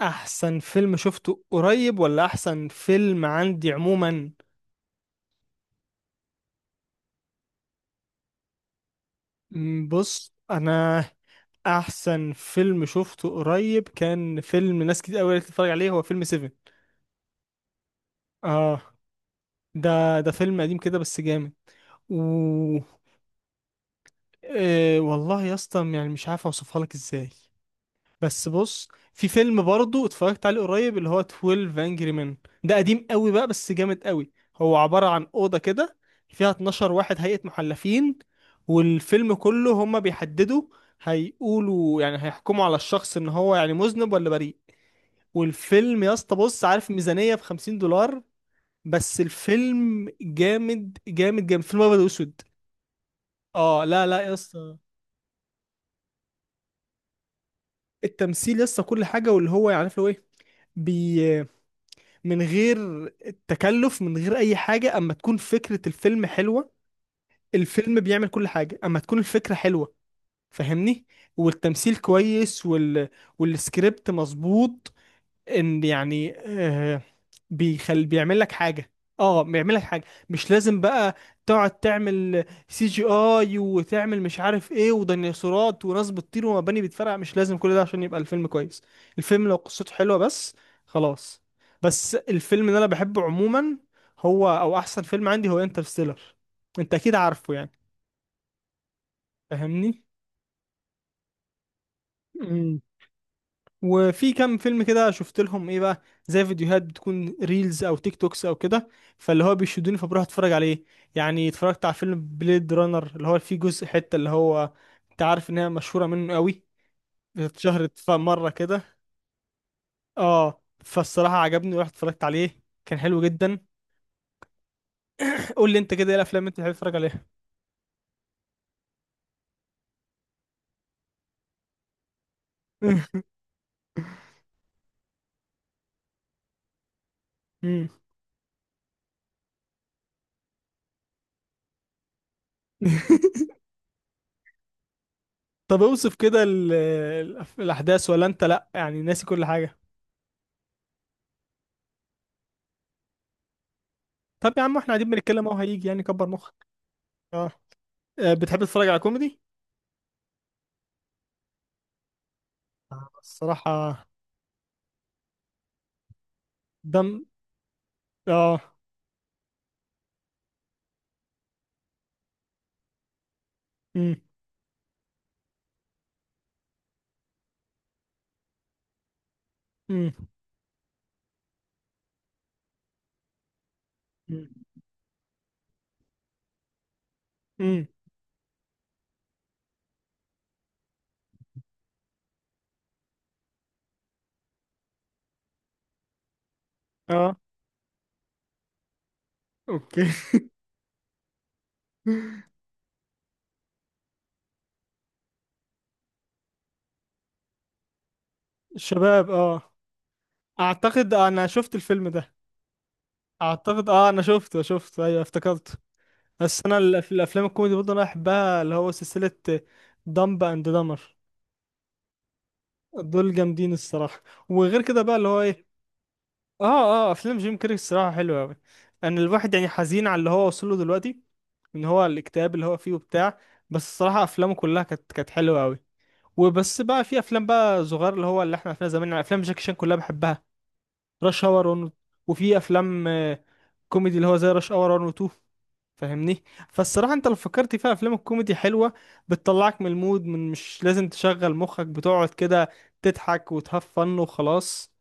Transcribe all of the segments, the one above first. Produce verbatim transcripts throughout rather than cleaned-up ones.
احسن فيلم شفته قريب ولا احسن فيلم عندي عموما؟ مم، بص، انا احسن فيلم شفته قريب كان فيلم ناس كتير قوي تتفرج عليه، هو فيلم سيفن. اه. ده ده فيلم قديم كده بس جامد. و آه والله يا اسطى، يعني مش عارف اوصفها لك ازاي. بس بص، في فيلم برضه اتفرجت عليه قريب، اللي هو اتناشر انجري مان. ده قديم قوي بقى بس جامد قوي، هو عبارة عن أوضة كده فيها اتناشر واحد هيئة محلفين، والفيلم كله هما بيحددوا، هيقولوا يعني هيحكموا على الشخص ان هو يعني مذنب ولا بريء. والفيلم يا اسطى، بص، عارف ميزانية ب خمسين دولار. بس الفيلم جامد جامد جامد، فيلم ابيض واسود. اه، لا لا يا اسطى. التمثيل يا اسطى كل حاجة، واللي هو يعني عارف اللي هو ايه، بي من غير التكلف، من غير اي حاجه اما تكون فكره الفيلم حلوه. الفيلم بيعمل كل حاجه اما تكون الفكره حلوه. فاهمني. والتمثيل كويس، وال... والسكريبت مظبوط، ان يعني آه بيخل، بيعمل لك حاجه. اه، بيعمل لك حاجه. مش لازم بقى تقعد تعمل سي جي اي وتعمل مش عارف ايه وديناصورات وناس بتطير ومباني بتفرقع، مش لازم كل ده عشان يبقى الفيلم كويس. الفيلم لو قصته حلوه بس، خلاص. بس الفيلم اللي انا بحبه عموما، هو او احسن فيلم عندي، هو انترستيلر. انت اكيد عارفه يعني. فاهمني. وفي كام فيلم كده شفت لهم ايه بقى، زي فيديوهات بتكون ريلز او تيك توكس او كده، فاللي هو بيشدوني فبروح اتفرج عليه. يعني اتفرجت على فيلم بليد رانر، اللي هو فيه جزء حتة، اللي هو انت عارف ان هي مشهورة منه قوي، اتشهرت ف- مرة كده. اه، فالصراحة عجبني ورحت اتفرجت عليه، كان حلو جدا. قول لي انت كده، ايه الافلام اللي انت بتحب تتفرج عليها؟ مم. طب اوصف كده ال- ال- الاحداث، ولا انت لا يعني ناسي كل حاجة؟ طب يا عم، احنا قاعدين بنتكلم اهو، هيجي يعني، كبر مخك. اه. آه، بتحب تتفرج على كوميدي؟ آه، الصراحة. دم. اه. امم. امم. امم. اه. اوكي. شباب، اه. اعتقد انا شفت الفيلم ده. اعتقد، اه انا شفته شفته، ايوه افتكرته. بس انا الأف- الافلام الكوميدي برضه انا بحبها، اللي هو سلسله دمب اند دمر. دول جامدين الصراحه. وغير كده بقى، اللي هو ايه؟ اه، اه، افلام جيم كاري الصراحه حلوه قوي. ان الواحد يعني حزين على اللي هو وصل له دلوقتي، ان هو الاكتئاب اللي هو فيه وبتاع. بس الصراحه افلامه كلها كانت كانت حلوه قوي. وبس بقى، في افلام بقى صغير اللي هو، اللي احنا عرفناها زمان، يعني افلام جاكي شان كلها بحبها، راش اور واحد. وفي افلام آه، كوميدي، اللي هو زي راش اور واحد و اتنين. فاهمني. فالصراحه انت لو فكرت فيها، افلام الكوميدي حلوه، بتطلعك من المود، من مش لازم تشغل مخك، بتقعد كده تضحك وتهفن وخلاص.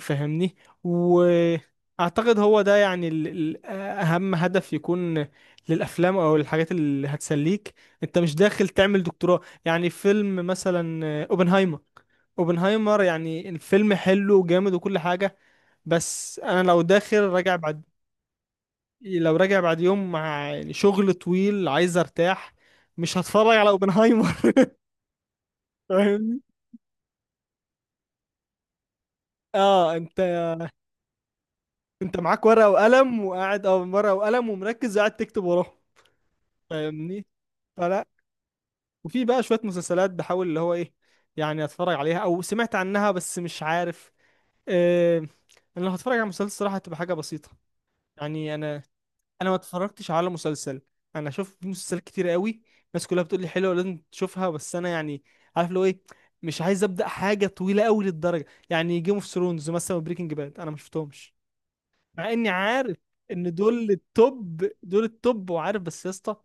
فاهمني. واعتقد هو ده يعني ال- ال- اهم هدف يكون للافلام او الحاجات اللي هتسليك. انت مش داخل تعمل دكتوراه، يعني فيلم مثلا آه، اوبنهايمر. اوبنهايمر، يعني الفيلم حلو وجامد وكل حاجة. بس انا لو داخل راجع بعد، لو راجع بعد يوم مع يعني شغل طويل، عايز ارتاح، مش هتفرج على اوبنهايمر. فاهمني. اه، انت انت معاك ورقة وقلم، وقاعد اه ورقة وقلم ومركز، قاعد تكتب وراه. فاهمني. فلا، وفي بقى شوية مسلسلات بحاول، اللي هو ايه، يعني اتفرج عليها او سمعت عنها، بس مش عارف. آه انا لو هتفرج على مسلسل، صراحة هتبقى حاجة بسيطة. يعني انا انا ما اتفرجتش على مسلسل. انا شفت مسلسلات كتير قوي. الناس كلها بتقول لي حلوة، لازم تشوفها، بس انا يعني عارف لو ايه، مش عايز ابدا حاجة طويلة قوي للدرجة، يعني جيم اوف ثرونز مثلا، وبريكنج باد انا ما شفتهمش. مع اني عارف ان دول التوب، دول التوب وعارف، بس يا اسطى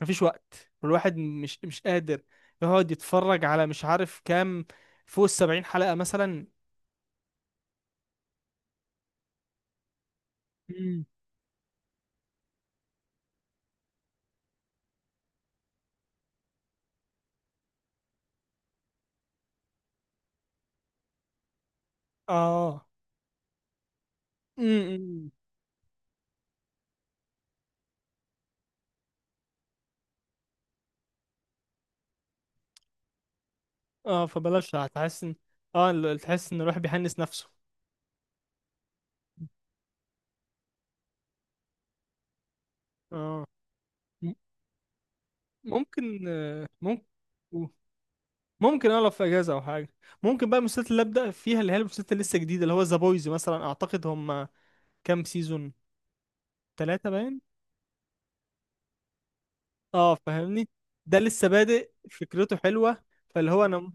مفيش وقت، والواحد مش مش قادر يقعد يتفرج على مش عارف كام، فوق السبعين حلقة مثلا. مم. اه. امم. اه، فبلاش، هتحس ان، اه، ال- تحس ان الواحد بيحنس نفسه. اه. م- ممكن آه، ممكن ممكن انا لو في اجازه او حاجه، ممكن بقى المسلسلات اللي ابدا فيها، اللي هي المسلسلات اللي لسه جديده، اللي هو ذا بويز مثلا، اعتقد هم كام سيزون، ثلاثة باين. اه، فاهمني. ده لسه بادئ، فكرته حلوه. فاللي هو انا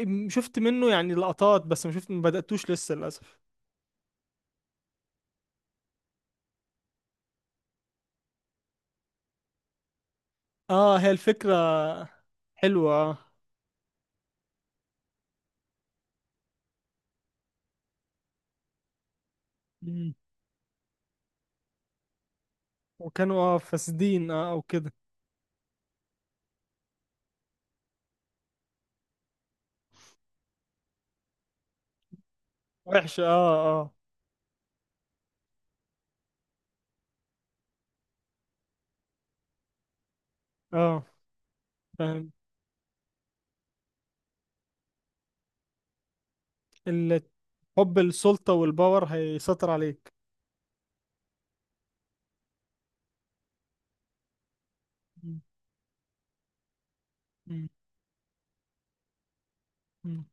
أم، شفت منه يعني لقطات، بس ما شفت، ما بدأتوش لسه للأسف. اه، هي الفكرة حلوة، آه. مم. وكانوا اه فاسدين اه او كده، وحش، اه. اه. اه، فاهم، ال- حب السلطة والباور هيسيطر عليك. مم. مم. مم.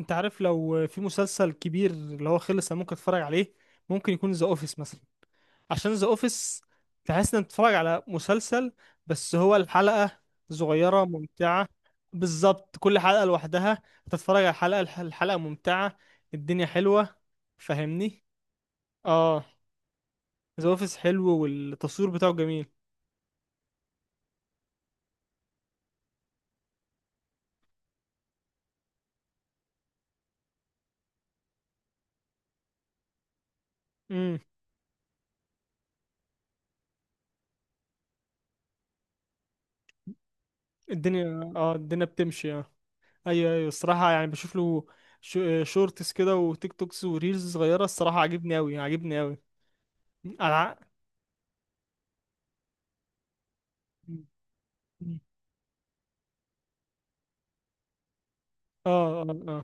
انت عارف، لو في مسلسل كبير اللي هو خلص، انا ممكن اتفرج عليه. ممكن يكون ذا اوفيس مثلا، عشان ذا اوفيس تحس انك بتتفرج على مسلسل، بس هو الحلقة صغيرة ممتعة. بالظبط كل حلقة لوحدها، تتفرج على الحلقة، الح- الحلقة ممتعة، الدنيا حلوة. فاهمني. اه، ذا اوفيس حلو والتصوير بتاعه جميل. امم. الدنيا اه الدنيا بتمشي، اه. ايوه، ايوه، الصراحة يعني بشوف له شو- شورتس كده وتيك توكس وريلز صغيرة، الصراحة عاجبني اوي عاجبني اوي. على- اه، اه، آه.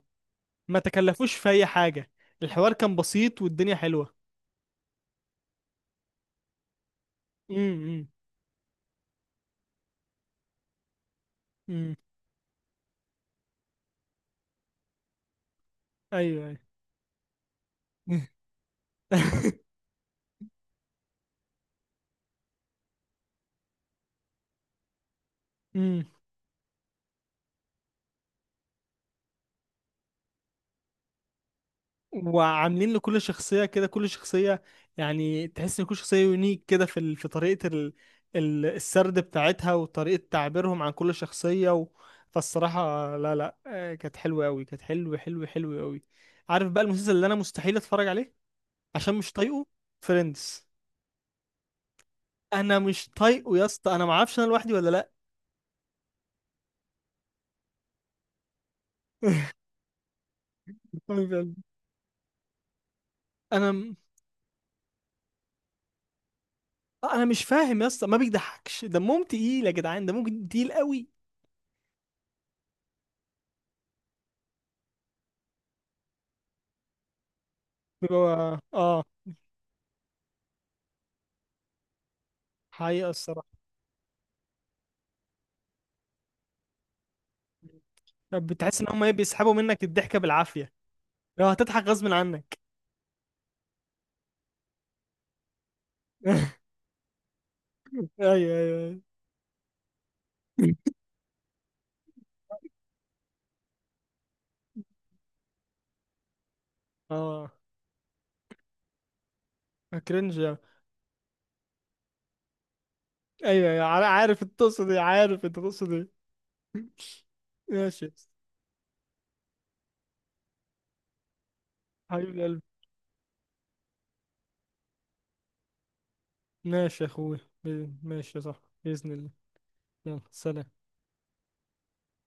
ما تكلفوش في اي حاجه، الحوار كان بسيط والدنيا حلوه. امم، امم. ايوه، ايوه. امم. وعاملين لكل شخصيه كده، كل شخصيه، يعني تحس ان كل شخصيه يونيك كده، في ال- في طريقه، ال ال السرد بتاعتها، وطريقه تعبيرهم عن كل شخصيه، و فالصراحه لا لا آه، كانت حلوه قوي، كانت حلوه حلوه حلوه قوي. عارف بقى المسلسل اللي انا مستحيل اتفرج عليه عشان مش طايقه، فريندز. انا مش طايقه يا اسطى، انا ما اعرفش، انا لوحدي ولا لا. انا م- انا مش فاهم يا اسطى، ما بيضحكش، دمهم تقيل يا جدعان، ده ممكن تقيل قوي، بيبقى، اه. حقيقة، الصراحة. طب بتحس ان هم ايه، بيسحبوا منك الضحكة بالعافية، لو هتضحك غصب عنك؟ ايوه، ايوه، ايوه. اه. كرنج. ايوه، ايوه، عار- عارف انت تقصد ايه، عارف انت تقصد ايه. ماشي يا اسطى. حبيب قلبي. ماشي يا اخويا. بإذن- ماشي يا صاحبي بإذن الله. يلا، سلام.